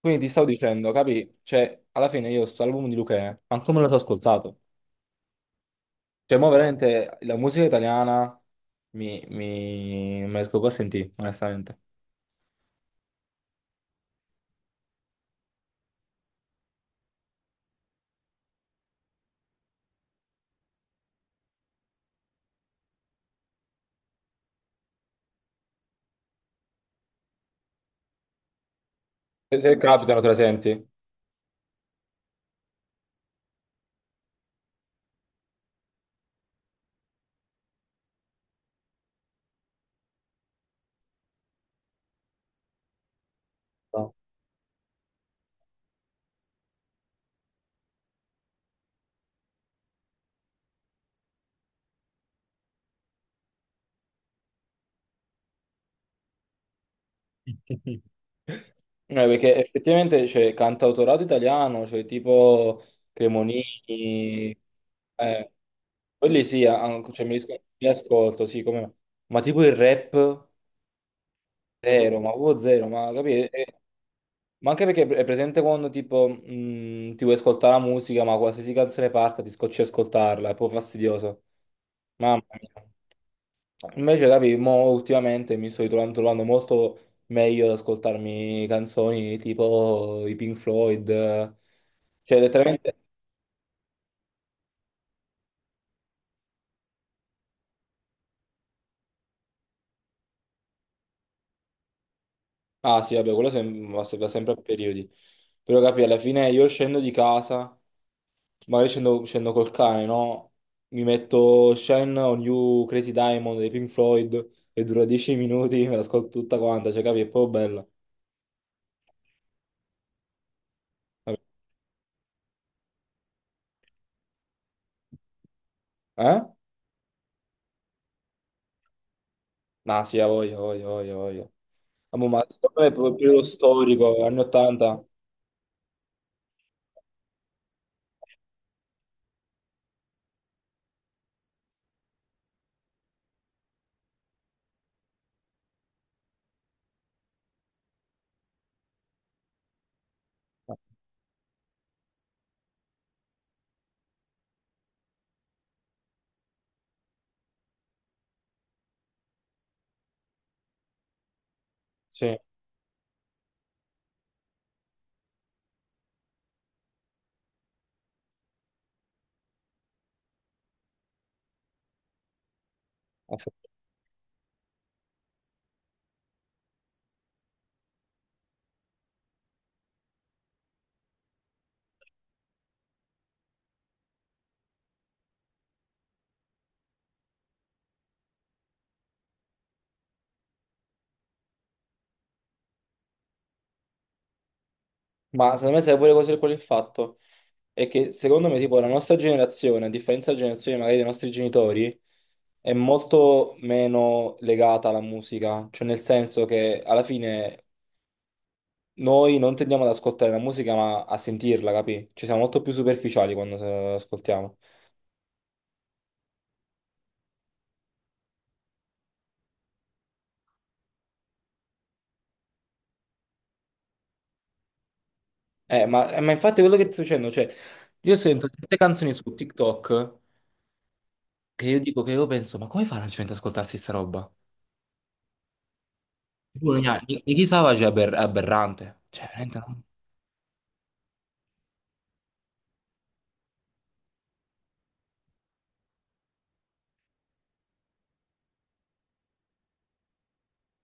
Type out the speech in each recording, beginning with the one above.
Quindi ti stavo dicendo, capi? Cioè, alla fine io sto album di Luchè, manco me lo so ascoltato. Cioè, mo veramente la musica italiana mi... non me la riesco più a sentire, onestamente. Se capitano, te la senti? No. No, perché effettivamente c'è cantautorato italiano, cioè tipo Cremonini, eh, quelli sì, mi ascolto, sì, come... no. Ma tipo il rap... Zero, ma proprio zero, ma capire? Ma anche perché è presente quando tipo ti vuoi ascoltare la musica, ma qualsiasi canzone parta ti scocci ad ascoltarla, è proprio fastidioso. Mamma mia. Invece, capi, mo ultimamente mi sto ritrovando trovando molto meglio ad ascoltarmi canzoni tipo i Pink Floyd. Cioè, letteralmente... Ah sì, vabbè, quello sem- va se- va sempre a periodi. Però capi, alla fine io scendo di casa. Magari scendo col cane, no? Mi metto Shine on You, Crazy Diamond dei Pink Floyd e dura 10 minuti, me l'ascolto tutta quanta, cioè capi, è proprio bella. Eh? No, sì, ha voglia, ha voglia, ha voglia, ha voglia. Ah, boh, ma secondo me è proprio il periodo storico, anni 80. Sì. Ma secondo me sai pure cos'è qual è il fatto? È che secondo me tipo la nostra generazione, a differenza della generazione magari dei nostri genitori, è molto meno legata alla musica, cioè nel senso che alla fine noi non tendiamo ad ascoltare la musica, ma a sentirla, capì? Ci siamo molto più superficiali quando ascoltiamo. Ma infatti quello che ti sto dicendo, cioè, io sento certe canzoni su TikTok che io dico che io penso, ma come fa la gente ad ascoltarsi sta roba? Pure Nicki Savage è aberrante. Cioè, veramente no.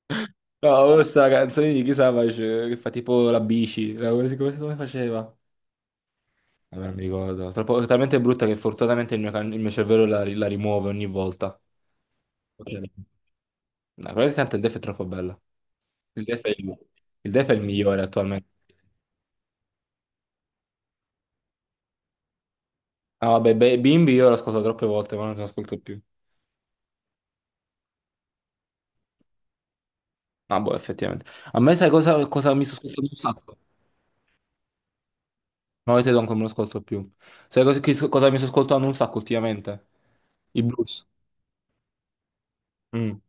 No, ho visto la canzone di Nicki Savage che fa tipo la bici, come faceva? Vabbè, non mi ricordo. Talmente brutta che fortunatamente il mio cervello la rimuove ogni volta. Ok. No, quello che canta il DEF è troppo bello. Il DEF è il, il DEF è il migliore attualmente. Ah, vabbè, Bimbi io l'ho ascoltato troppe volte, ma non lo ascolto più. Ah, boh, effettivamente. A me sai cosa mi sto ascoltando un sacco? No, io te non me lo ascolto più. Sai cosa mi sto ascoltando un sacco ultimamente? I blues. Mm.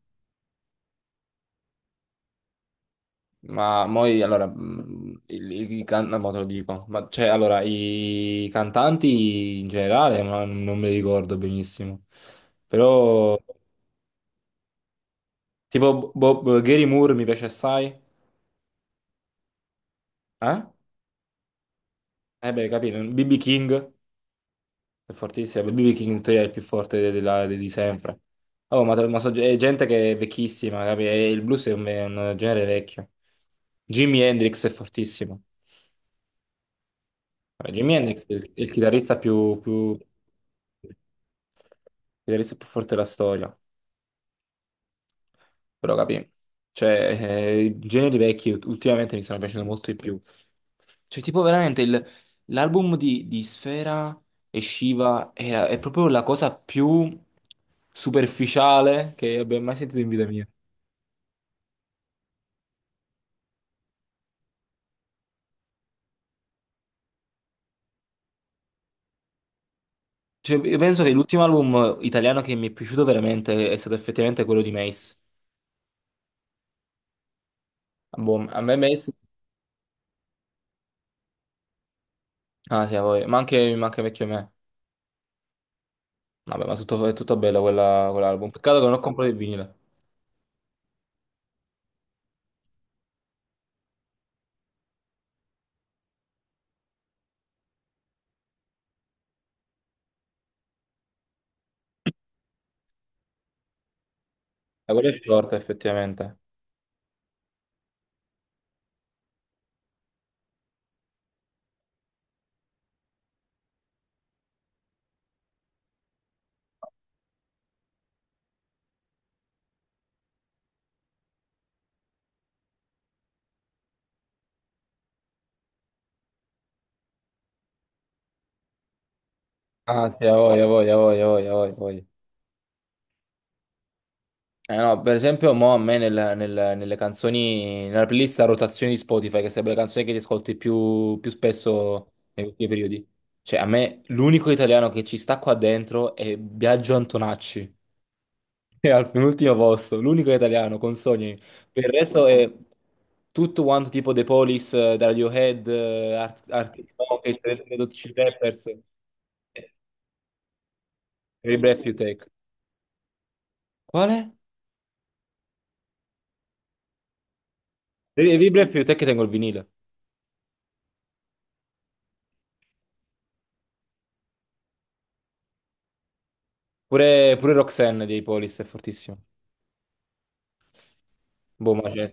Ma moi, allora, mm, il- i, can- no, mo te lo dico. Ma cioè, allora, i cantanti in generale, ma non me li ricordo benissimo. Però, tipo, Gary Moore mi piace assai. Eh? Eh beh, capito, BB King è fortissimo, BB King in teoria è il più forte di sempre. Oh, è gente che è vecchissima, capi? E il blues è è un genere vecchio. Jimi Hendrix è fortissimo. Vabbè, Jimi Hendrix è il chitarrista più, più, il chitarrista più forte della storia. Però capì. Cioè, i generi vecchi ultimamente mi stanno piacendo molto di più. Cioè, tipo veramente l'album di Sfera e Shiva è proprio la cosa più superficiale che abbia mai sentito in vita mia. Cioè, io penso che l'ultimo album italiano che mi è piaciuto veramente è stato effettivamente quello di Mace. Boh, a me Mace... Ah sì, a voi. Ma anche vecchio me. Vabbè, è tutto bello quell'album. Peccato che non ho comprato il vinile. Ma quello è forte, effettivamente. Ah, sì, a voglia, a voglia, a voglia, a voglia, a voglia, a voglia. Eh no, per esempio, mo a me nelle canzoni, nella playlist a rotazione di Spotify, che sarebbe la canzone che ti ascolti più spesso negli ultimi periodi. Cioè, a me l'unico italiano che ci sta qua dentro è Biagio Antonacci, è al penultimo posto, l'unico italiano con Sogni. Per il resto è tutto quanto tipo The Police, da Radiohead, Arctic Monkeys, Red Hot Chili Peppers, Every Breath You Take. Quale? Devi Blueprint è che tengo il vinile. Pure, pure Roxanne dei Polis è fortissimo. Boh, ma c'è.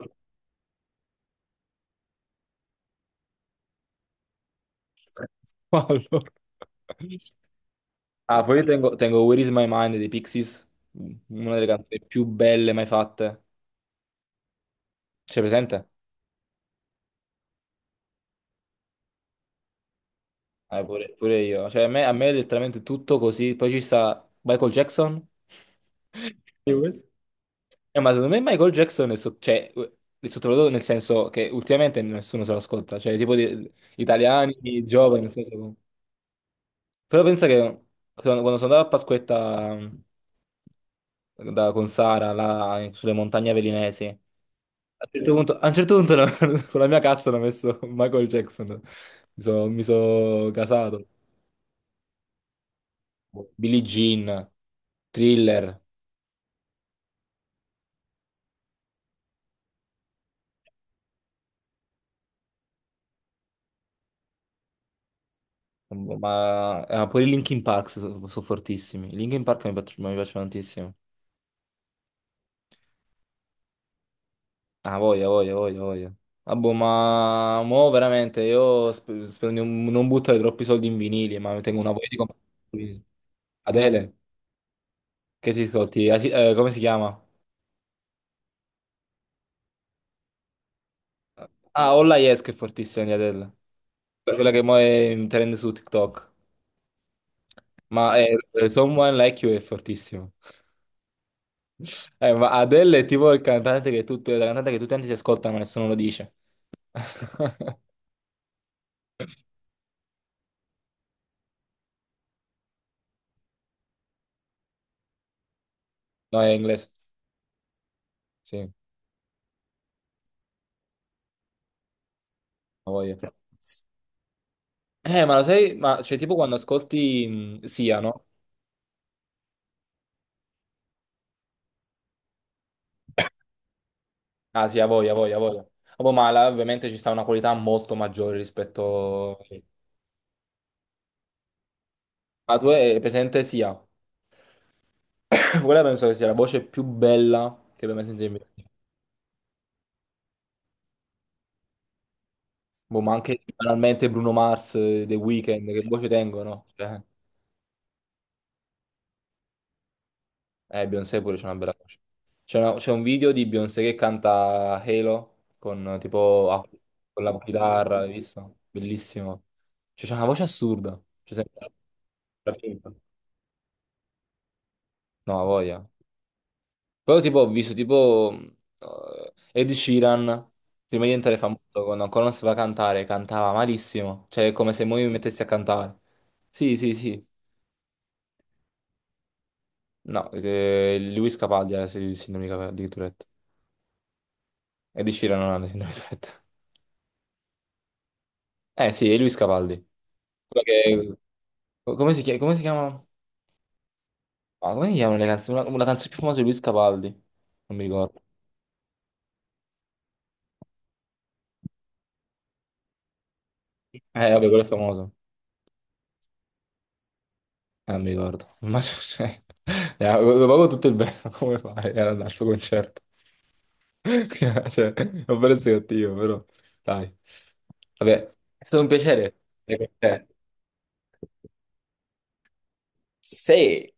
Allora. Ah, poi io tengo Where is my mind dei Pixies, una delle canzoni più belle mai fatte. C'è presente? Ah, pure, pure io. Cioè, a me è letteralmente tutto così. Poi ci sta Michael Jackson. E questo... ma secondo me Michael Jackson è sottovalutato nel senso che ultimamente nessuno se lo ascolta. Cioè, tipo italiani, giovani, non so se... Però pensa che quando sono andato a Pasquetta con Sara là, sulle montagne velinesi, a un certo punto no, con la mia cassa hanno messo Michael Jackson. Mi so casato. Billie Jean, Thriller, pure i Linkin Park sono fortissimi. I Linkin Park mi piacciono tantissimo. Ah, voglia, voglia, voglia, voglia. Ah, boh, ma mo veramente io spero di non non buttare troppi soldi in vinili, ma tengo una voglia di comprare vinili. Adele. Che ti ascolti? Ah, sì, come si chiama? Ah, Olla Yes che è fortissima di Adele. Quella che mo è in trend su TikTok. Someone Like You è fortissimo. Ma Adele è tipo il cantante che tutto, la cantante che tutti quanti si ascoltano ma nessuno lo dice. No, è inglese. Sì, lo voglio. Ma lo sai, ma cioè, tipo quando ascolti Sia, no? Ah, sì, a voglia, a voglia, a voglia. Vabbè, ma là, ovviamente ci sta una qualità molto maggiore rispetto... Ma tu è presente Sia? Quella penso che sia la voce più bella che abbia mai sentito in vita mia. Boh, ma anche banalmente Bruno Mars, The Weeknd, che voce tengono? Cioè, Beyoncé pure c'è una bella voce. C'è un video di Beyoncé che canta Halo con con la chitarra, hai visto? Bellissimo. Cioè, c'è una voce assurda. Cioè, sembra finta. No, ha voglia. Però tipo ho visto tipo Ed Sheeran, prima di diventare famoso, quando ancora non sapeva cantare, cantava malissimo. Cioè, è come se mo io mi mettessi a cantare. Sì, sì, sì. No, Luis Capaldi era il sindaco di di Tourette. Ed Sheeran non ha la sindrome di Tourette. Eh sì, è Luis Capaldi. Quello che... Come si chiama? Come si chiama? Ah, come si chiamano le canzoni? Una canzone più famosa di Luis Capaldi. Non mi ricordo. Vabbè, quello è famoso. Non mi ricordo. Ma cioè... lo pago tutto il bene, come fai ad andare al suo concerto? Cioè, non per essere cattivo, però. Dai, vabbè, è stato un piacere essere con te. Sì,